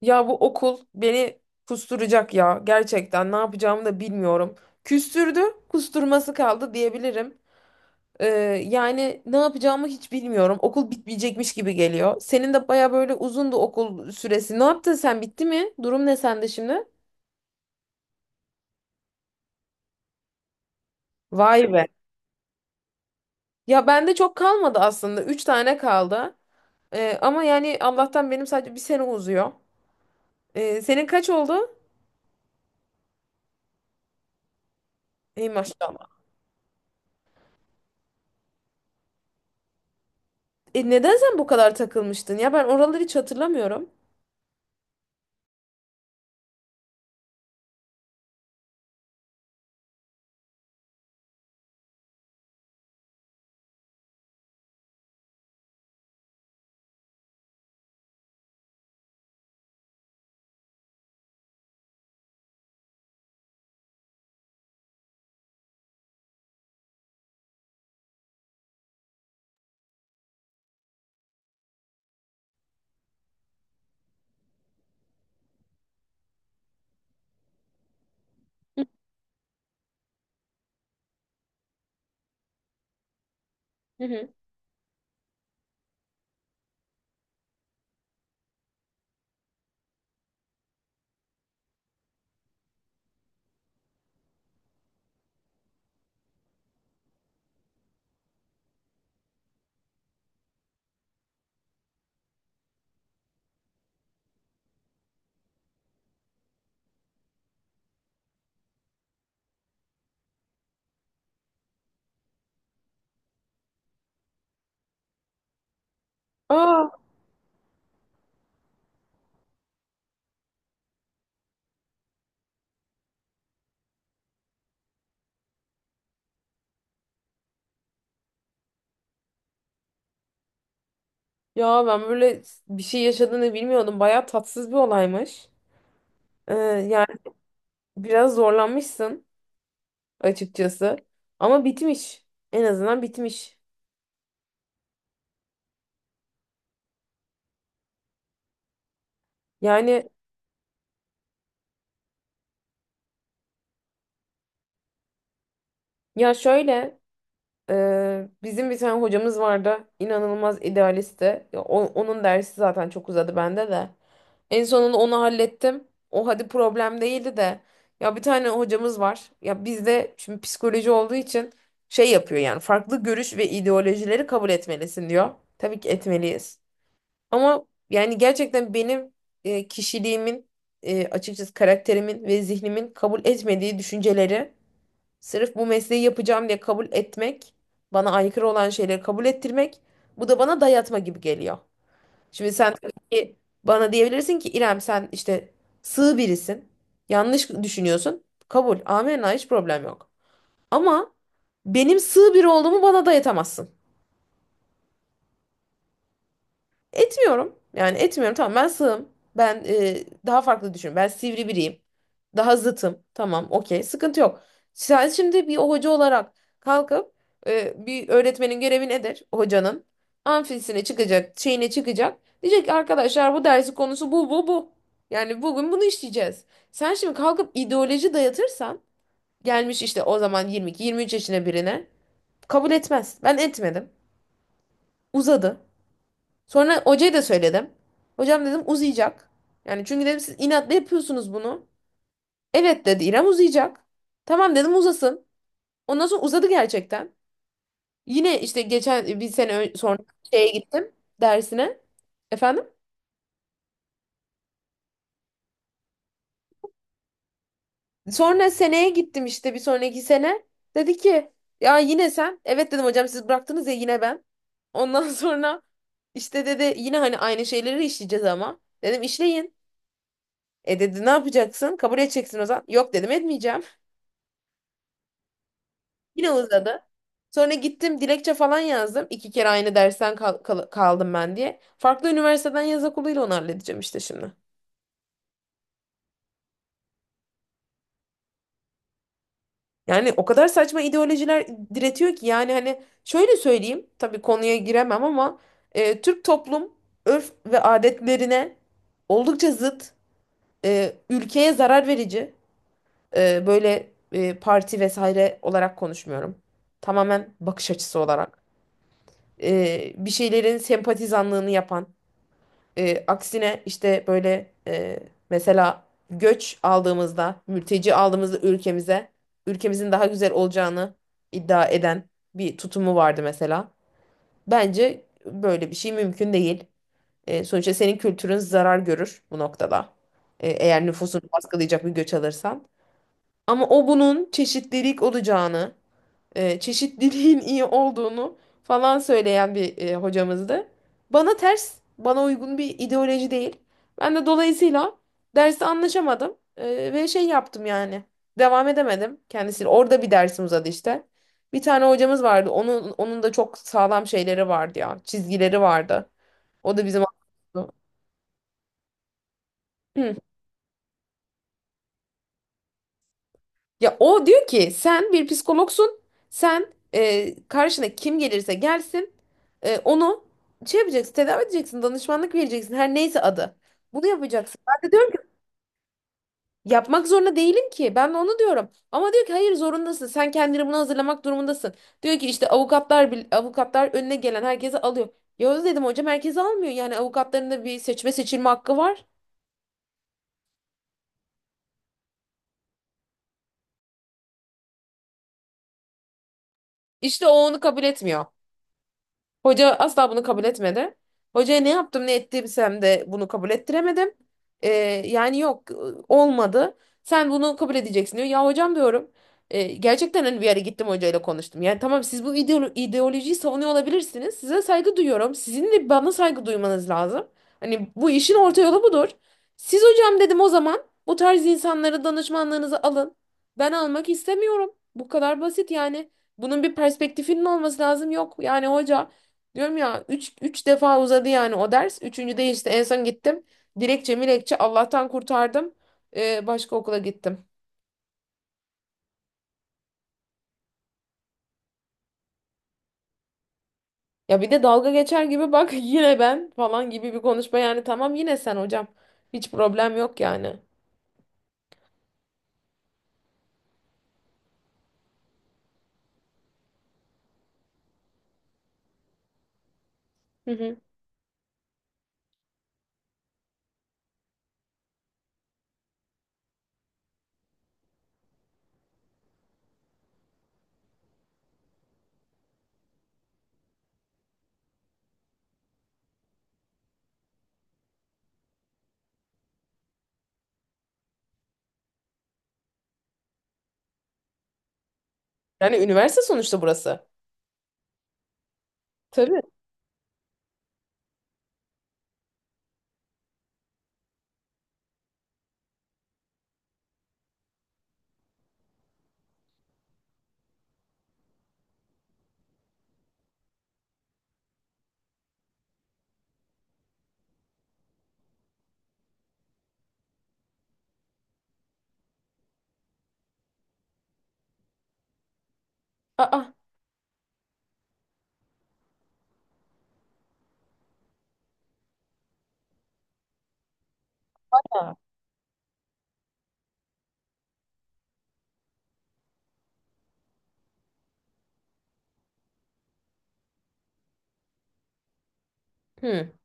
Ya bu okul beni kusturacak ya. Gerçekten ne yapacağımı da bilmiyorum. Küstürdü, kusturması kaldı diyebilirim. Ee, yani ne yapacağımı hiç bilmiyorum. Okul bitmeyecekmiş gibi geliyor. Senin de baya böyle uzundu okul süresi. Ne yaptın sen? Bitti mi? Durum ne sende şimdi? Vay be. Ya bende çok kalmadı aslında. Üç tane kaldı. Ama yani Allah'tan benim sadece bir sene uzuyor. Senin kaç oldu? Ey maşallah. Neden sen bu kadar takılmıştın? Ya ben oraları hiç hatırlamıyorum. Hı hı. Aa. Ya ben böyle bir şey yaşadığını bilmiyordum. Bayağı tatsız bir olaymış. Yani biraz zorlanmışsın açıkçası. Ama bitmiş. En azından bitmiş. Yani ya şöyle bizim bir tane hocamız vardı. İnanılmaz idealistti. Ya onun dersi zaten çok uzadı bende de. En sonunda onu hallettim. O hadi problem değildi de. Ya bir tane hocamız var. Ya bizde şimdi psikoloji olduğu için şey yapıyor, yani farklı görüş ve ideolojileri kabul etmelisin diyor. Tabii ki etmeliyiz. Ama yani gerçekten benim kişiliğimin, açıkçası karakterimin ve zihnimin kabul etmediği düşünceleri sırf bu mesleği yapacağım diye kabul etmek, bana aykırı olan şeyleri kabul ettirmek, bu da bana dayatma gibi geliyor. Şimdi sen tabii ki bana diyebilirsin ki İrem sen işte sığ birisin. Yanlış düşünüyorsun. Kabul. Amenna, hiç problem yok. Ama benim sığ biri olduğumu bana dayatamazsın. Etmiyorum. Yani etmiyorum. Tamam, ben sığım. Ben daha farklı düşünüyorum. Ben sivri biriyim. Daha zıtım. Tamam, okey. Sıkıntı yok. Sen şimdi bir hoca olarak kalkıp bir öğretmenin görevi nedir? Hocanın amfisine çıkacak, şeyine çıkacak. Diyecek ki arkadaşlar bu dersin konusu bu bu bu. Yani bugün bunu işleyeceğiz. Sen şimdi kalkıp ideoloji dayatırsan, gelmiş işte o zaman 22-23 yaşına birine, kabul etmez. Ben etmedim. Uzadı. Sonra hocaya da söyledim. Hocam dedim uzayacak. Yani çünkü dedim siz inatla yapıyorsunuz bunu. Evet dedi İrem uzayacak. Tamam dedim uzasın. Ondan sonra uzadı gerçekten. Yine işte geçen bir sene sonra şeye gittim, dersine. Efendim? Sonra seneye gittim işte bir sonraki sene. Dedi ki ya yine sen. Evet dedim hocam siz bıraktınız ya yine ben. Ondan sonra işte dedi yine hani aynı şeyleri işleyeceğiz ama. Dedim işleyin. E dedi ne yapacaksın? Kabul edeceksin o zaman. Yok dedim etmeyeceğim. Yine uzadı. Sonra gittim dilekçe falan yazdım. İki kere aynı dersten kaldım ben diye. Farklı üniversiteden yaz okuluyla onu halledeceğim işte şimdi. Yani o kadar saçma ideolojiler diretiyor ki, yani hani şöyle söyleyeyim. Tabii konuya giremem ama Türk toplum örf ve adetlerine oldukça zıt, ülkeye zarar verici, böyle parti vesaire olarak konuşmuyorum. Tamamen bakış açısı olarak. Bir şeylerin sempatizanlığını yapan, aksine işte böyle mesela göç aldığımızda, mülteci aldığımızda ülkemize, ülkemizin daha güzel olacağını iddia eden bir tutumu vardı mesela. Bence böyle bir şey mümkün değil. E, sonuçta senin kültürün zarar görür bu noktada. E, eğer nüfusunu baskılayacak bir göç alırsan. Ama o bunun çeşitlilik olacağını, çeşitliliğin iyi olduğunu falan söyleyen bir hocamızdı. Bana ters, bana uygun bir ideoloji değil. Ben de dolayısıyla dersi anlaşamadım ve şey yaptım yani. Devam edemedim kendisiyle. Orada bir dersim uzadı işte. Bir tane hocamız vardı. Onun da çok sağlam şeyleri vardı ya. Çizgileri vardı. O da bizim Ya o diyor ki sen bir psikologsun. Sen karşına kim gelirse gelsin, onu şey yapacaksın, tedavi edeceksin, danışmanlık vereceksin, her neyse adı. Bunu yapacaksın. Ben de diyorum ki yapmak zorunda değilim ki. Ben de onu diyorum. Ama diyor ki hayır zorundasın. Sen kendini buna hazırlamak durumundasın. Diyor ki işte avukatlar avukatlar önüne gelen herkese alıyor. Ya dedim hocam herkese almıyor. Yani avukatların da bir seçme seçilme hakkı var. İşte o onu kabul etmiyor. Hoca asla bunu kabul etmedi. Hocaya ne yaptım ne ettiysem de bunu kabul ettiremedim. Ee, yani yok, olmadı. Sen bunu kabul edeceksin diyor. Ya hocam diyorum. Gerçekten hani bir yere gittim hocayla konuştum. Yani tamam siz bu ideolojiyi savunuyor olabilirsiniz. Size saygı duyuyorum. Sizin de bana saygı duymanız lazım. Hani bu işin orta yolu budur. Siz hocam dedim o zaman bu tarz insanları danışmanlığınızı alın. Ben almak istemiyorum. Bu kadar basit yani. Bunun bir perspektifinin olması lazım. Yok yani hoca. Diyorum ya üç defa uzadı yani o ders. Üçüncüde işte en son gittim. Dilekçe milekçe Allah'tan kurtardım. Başka okula gittim. Ya bir de dalga geçer gibi bak yine ben falan gibi bir konuşma, yani tamam yine sen hocam. Hiç problem yok yani. Hı hı. Yani üniversite sonuçta burası. Tabii. Aa. Hı.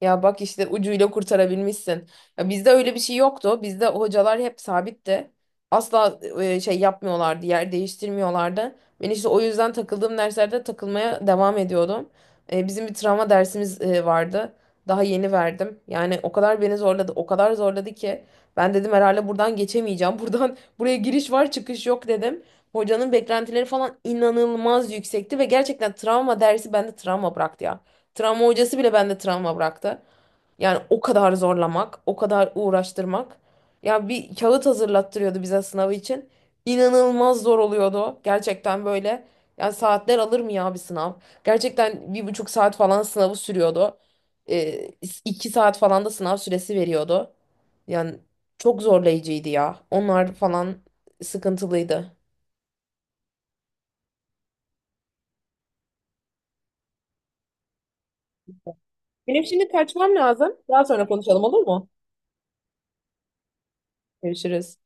Ya bak işte ucuyla kurtarabilmişsin. Ya bizde öyle bir şey yoktu. Bizde hocalar hep sabitti. Asla şey yapmıyorlardı, yer değiştirmiyorlardı. Ben işte o yüzden takıldığım derslerde takılmaya devam ediyordum. Bizim bir travma dersimiz vardı. Daha yeni verdim. Yani o kadar beni zorladı, o kadar zorladı ki ben dedim herhalde buradan geçemeyeceğim. Buradan buraya giriş var, çıkış yok dedim. Hocanın beklentileri falan inanılmaz yüksekti ve gerçekten travma dersi bende travma bıraktı ya. Travma hocası bile bende travma bıraktı. Yani o kadar zorlamak, o kadar uğraştırmak. Ya bir kağıt hazırlattırıyordu bize sınavı için. İnanılmaz zor oluyordu. Gerçekten böyle. Yani saatler alır mı ya bir sınav? Gerçekten 1,5 saat falan sınavı sürüyordu. Ee, 2 saat falan da sınav süresi veriyordu. Yani çok zorlayıcıydı ya. Onlar falan sıkıntılıydı. Benim şimdi kaçmam lazım. Daha sonra konuşalım, olur mu? Görüşürüz.